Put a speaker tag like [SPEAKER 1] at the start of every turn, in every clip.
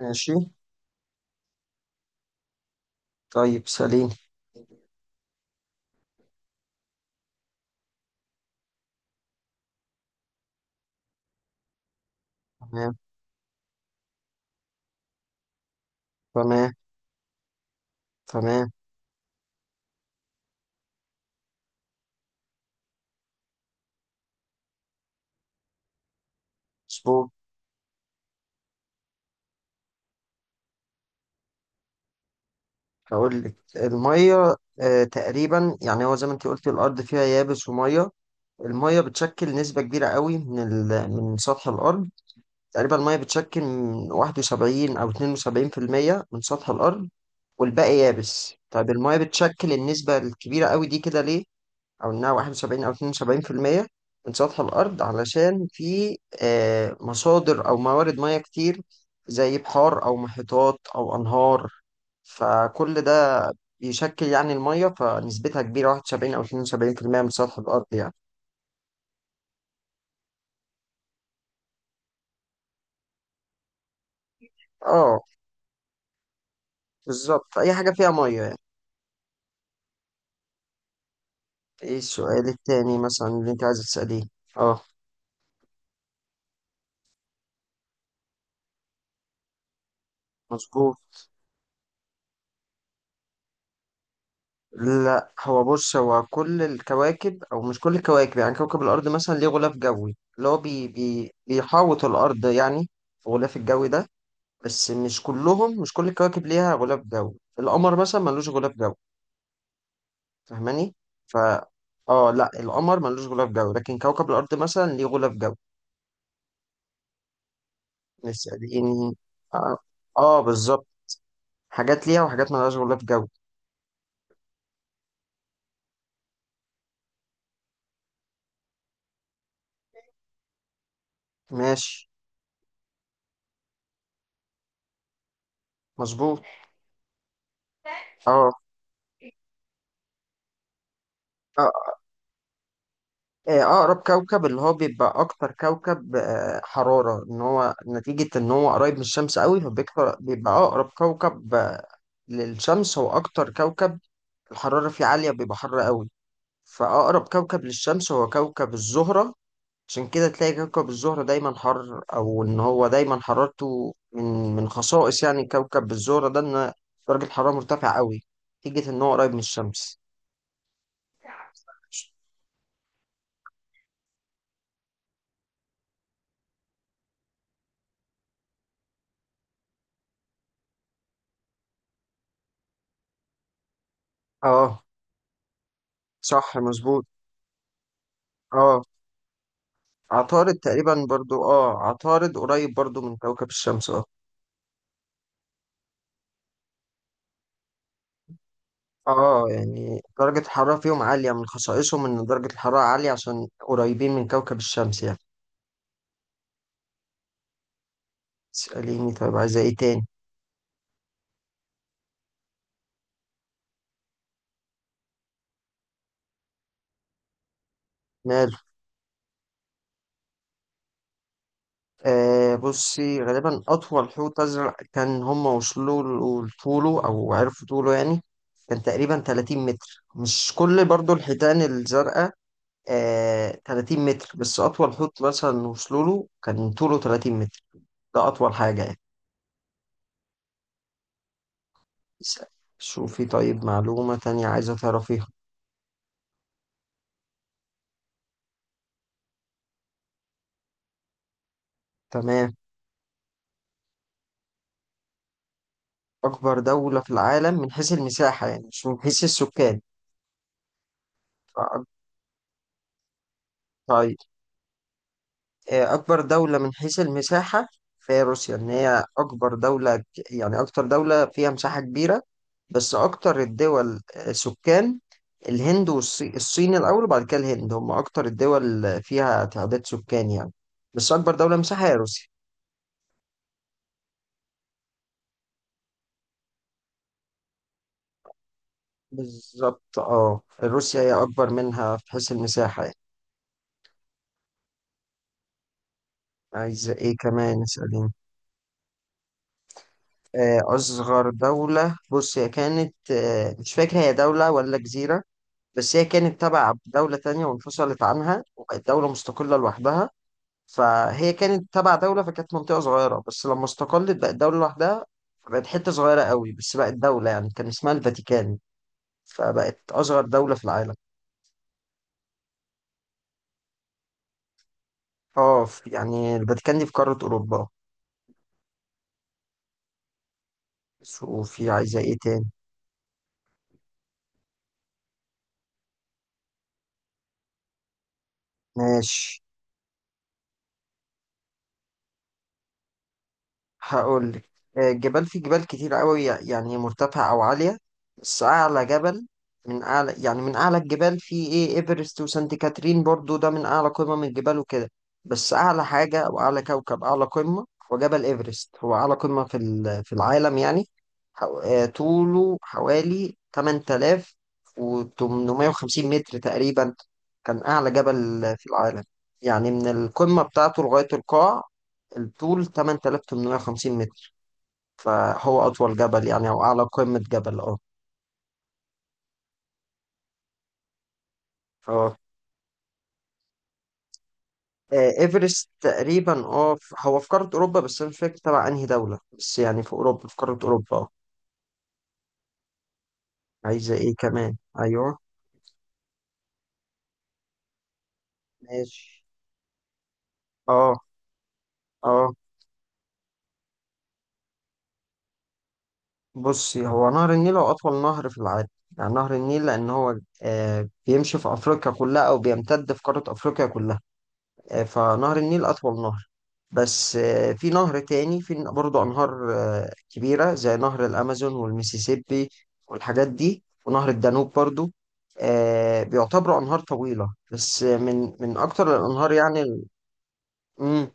[SPEAKER 1] ماشي. طيب سليم. تمام. تمام. تمام. مظبوط. هقول لك. المية تقريبا يعني هو زي ما انت قلت الأرض فيها يابس ومية. المية بتشكل نسبة كبيرة قوي من من سطح الأرض. تقريبا المية بتشكل من 71 أو 72% من سطح الأرض، والباقي يابس. طيب، المية بتشكل النسبة الكبيرة قوي دي كده ليه؟ او انها 71 او 72% من سطح الارض علشان في مصادر او موارد مياه كتير زي بحار او محيطات او انهار. فكل ده بيشكل يعني المية فنسبتها كبيرة، 71 أو 72% من سطح الأرض يعني. اه، بالظبط، أي حاجة فيها مية يعني. ايه السؤال التاني مثلا اللي أنت عايز تسأليه؟ اه مظبوط. لا، هو بص، هو كل الكواكب او مش كل الكواكب، يعني كوكب الارض مثلا ليه غلاف جوي اللي هو بي بيحاوط الارض يعني. في غلاف الجوي ده، بس مش كلهم، مش كل الكواكب ليها غلاف جوي. القمر مثلا ملوش غلاف جوي. فاهماني؟ ف اه، لا القمر ملوش غلاف جوي، لكن كوكب الارض مثلا ليه غلاف جوي. مش يعني، اه, بالظبط. حاجات ليها وحاجات ملهاش غلاف جوي. ماشي مظبوط. اه. آه. أقرب كوكب اللي هو بيبقى أكتر كوكب حرارة، إن هو نتيجة إن هو قريب من الشمس قوي فبيكتر، بيبقى أقرب كوكب للشمس هو أكتر كوكب الحرارة فيه عالية، بيبقى حر قوي. فأقرب كوكب للشمس هو كوكب الزهرة. عشان كده تلاقي كوكب الزهرة دايما حر، أو إن هو دايما حرارته من خصائص يعني كوكب الزهرة ده إن درجة حرارة مرتفعة قوي نتيجة إن هو قريب من الشمس. أه صح مظبوط. اه، عطارد تقريبا برضو. اه، عطارد قريب برضو من كوكب الشمس. اه. اه، يعني درجة الحرارة فيهم عالية، من خصائصهم إن درجة الحرارة عالية عشان قريبين من كوكب الشمس يعني. اسأليني، طيب عايزة ايه تاني؟ ماله. بصي، غالبا أطول حوت أزرق كان هم وصلوا لطوله أو عرفوا طوله، يعني كان تقريبا 30 متر. مش كل برضو الحيتان الزرقاء آه 30 متر، بس أطول حوت مثلا وصلوا له كان طوله 30 متر. ده أطول حاجة يعني. اسأل. شوفي، طيب، معلومة تانية عايزة تعرفيها. تمام. أكبر دولة في العالم من حيث المساحة يعني مش من حيث السكان. فأك- طيب. أكبر دولة من حيث المساحة فهي روسيا، إن هي أكبر دولة، يعني أكتر دولة فيها مساحة كبيرة. بس أكتر الدول سكان، الهند والصين، الصين الأول وبعد كده الهند، هم أكتر الدول فيها تعداد سكان يعني. بس أكبر دولة مساحة هي روسيا. بالظبط، اه روسيا هي أكبر منها في حيث المساحة. عايزة ايه كمان؟ اسأليني. أصغر دولة، بص، هي كانت مش فاكر هي دولة ولا جزيرة، بس هي كانت تبع دولة تانية وانفصلت عنها وبقت دولة مستقلة لوحدها. فهي كانت تبع دولة، فكانت منطقة صغيرة بس لما استقلت بقت دولة لوحدها. بقت حتة صغيرة قوي بس بقت دولة يعني. كان اسمها الفاتيكان، فبقت أصغر دولة في العالم. اه، في- يعني الفاتيكان دي في قارة أوروبا. وفي عايزة ايه تاني؟ ماشي، هقول لك. الجبال، في جبال كتير قوي يعني مرتفعة أو عالية، بس أعلى جبل، من أعلى يعني من أعلى الجبال، في إيه، إيفرست وسانت كاترين برضو، ده من أعلى قمم من الجبال وكده. بس أعلى حاجة أو أعلى كوكب، أعلى قمة، هو جبل إيفرست. هو أعلى قمة في في العالم يعني. طوله حوالي 8850 متر تقريبا. كان أعلى جبل في العالم يعني، من القمة بتاعته لغاية القاع الطول 8850 متر. فهو أطول جبل يعني أو أعلى قمة جبل أه. أه. آه، إيفرست تقريبا. أه هو في قارة أوروبا، بس أنا مش فاكر تبع أنهي دولة، بس يعني في أوروبا، في قارة أوروبا أه. عايزة إيه كمان؟ أيوه ماشي. أه. أه بصي، هو نهر النيل هو أطول نهر في العالم. يعني نهر النيل لأن هو آه بيمشي في أفريقيا كلها أو بيمتد في قارة أفريقيا كلها. فنهر النيل أطول نهر. بس في نهر تاني، في برضه أنهار كبيرة زي نهر الأمازون والميسيسيبي والحاجات دي، ونهر الدانوب برضه. بيعتبروا أنهار طويلة، بس من أكتر الأنهار يعني مم،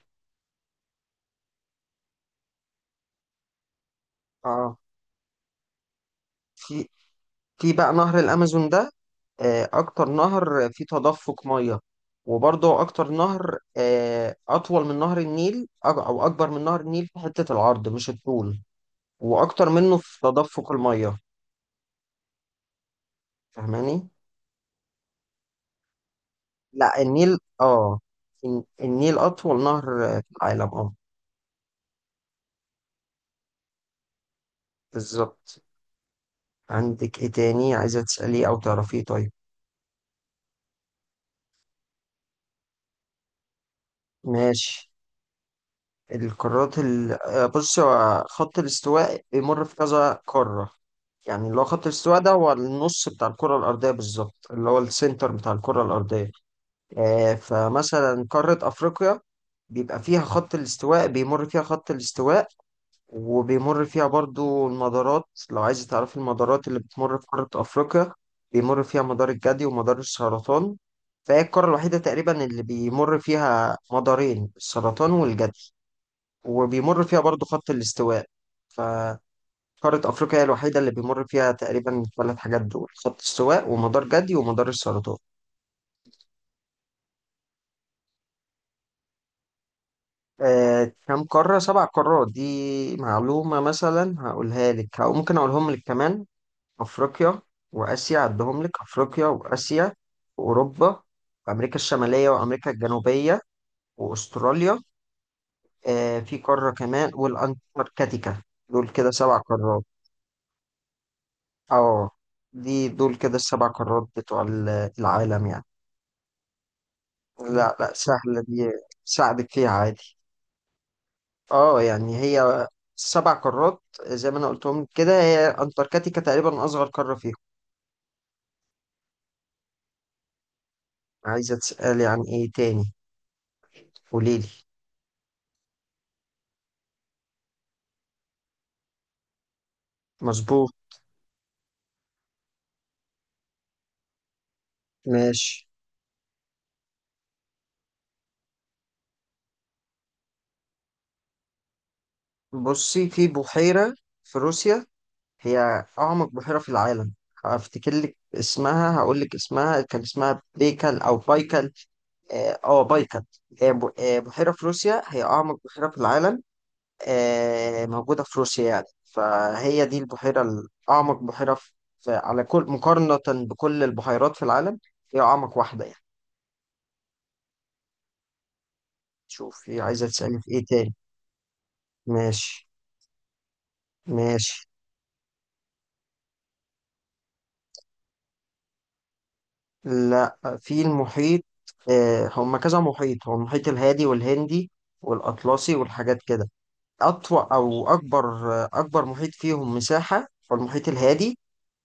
[SPEAKER 1] آه في. في بقى نهر الأمازون ده أكتر نهر فيه تدفق مية. وبرضه أكتر نهر أطول من نهر النيل أو أو أكبر من نهر النيل في حتة العرض مش الطول، وأكتر منه في تدفق المية. فاهماني؟ لا، النيل اه، النيل اطول نهر في العالم اه. بالظبط. عندك ايه تاني عايزة تسأليه او تعرفيه؟ طيب ماشي. القارات ال... آه، بص، هو خط الاستواء بيمر في كذا قارة. يعني اللي هو خط الاستواء ده هو النص بتاع الكرة الأرضية بالظبط، اللي هو السنتر بتاع الكرة الأرضية. آه فمثلا قارة أفريقيا بيبقى فيها خط الاستواء، بيمر فيها خط الاستواء. وبيمر فيها برضو المدارات، لو عايز تعرف المدارات اللي بتمر في قارة أفريقيا، بيمر فيها مدار الجدي ومدار السرطان. فهي القارة الوحيدة تقريبا اللي بيمر فيها مدارين السرطان والجدي، وبيمر فيها برضو خط الاستواء. فقارة أفريقيا هي الوحيدة اللي بيمر فيها تقريبا الثلاث حاجات دول: خط استواء ومدار جدي ومدار السرطان. كم قارة؟ سبع قارات. دي معلومة مثلا هقولها لك، أو ممكن أقولهم لك كمان: أفريقيا وآسيا، عدهم لك، أفريقيا وآسيا وأوروبا وأمريكا الشمالية وأمريكا الجنوبية وأستراليا، آه في قارة كمان، والأنتاركتيكا. دول كده سبع قارات. أه، دي دول كده السبع قارات بتوع العالم يعني. لا، سهلة دي، ساعدك فيها عادي. أه، يعني هي سبع قارات زي ما أنا قلتهم كده. هي أنتاركتيكا تقريبا أصغر قارة فيهم. عايزة تسألي عن إيه تاني؟ قوليلي. مظبوط. ماشي. بصي، في بحيرة في روسيا هي أعمق بحيرة في العالم. هفتكر لك اسمها، هقول لك اسمها، كان اسمها بيكل أو بايكل. اه بايكل. بحيرة في روسيا هي أعمق بحيرة في العالم، موجودة في روسيا يعني. فهي دي البحيرة الأعمق بحيرة في في- على كل، مقارنة بكل البحيرات في العالم هي أعمق واحدة يعني. شوفي، عايزة تسألي في إيه تاني؟ ماشي ماشي. لا في المحيط، هم كذا محيط، هو المحيط الهادي والهندي والأطلسي والحاجات كده. أطول أو أكبر، أكبر محيط فيهم مساحة هو المحيط الهادي.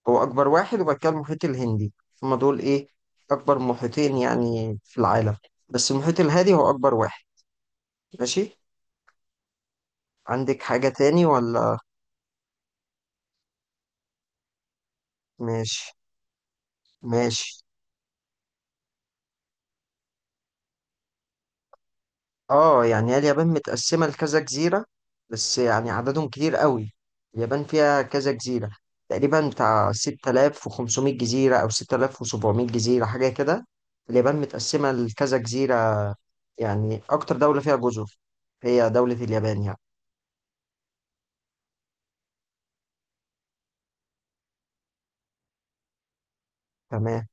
[SPEAKER 1] هو أكبر واحد، وبعد كده المحيط الهندي. هما دول إيه، أكبر محيطين يعني في العالم، بس المحيط الهادي هو أكبر واحد. ماشي، عندك حاجة تاني ولا؟ ماشي ماشي. اه يعني هي اليابان متقسمة لكذا جزيرة، بس يعني عددهم كتير قوي. اليابان فيها كذا جزيرة، تقريبا بتاع 6500 جزيرة أو 6700 جزيرة حاجة كده. اليابان متقسمة لكذا جزيرة يعني. أكتر دولة فيها جزر هي دولة اليابان يعني. تمام.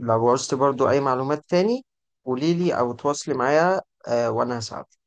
[SPEAKER 1] لو عوزت برضو أي معلومات تاني قوليلي، أو تواصلي معايا وأنا هساعدك.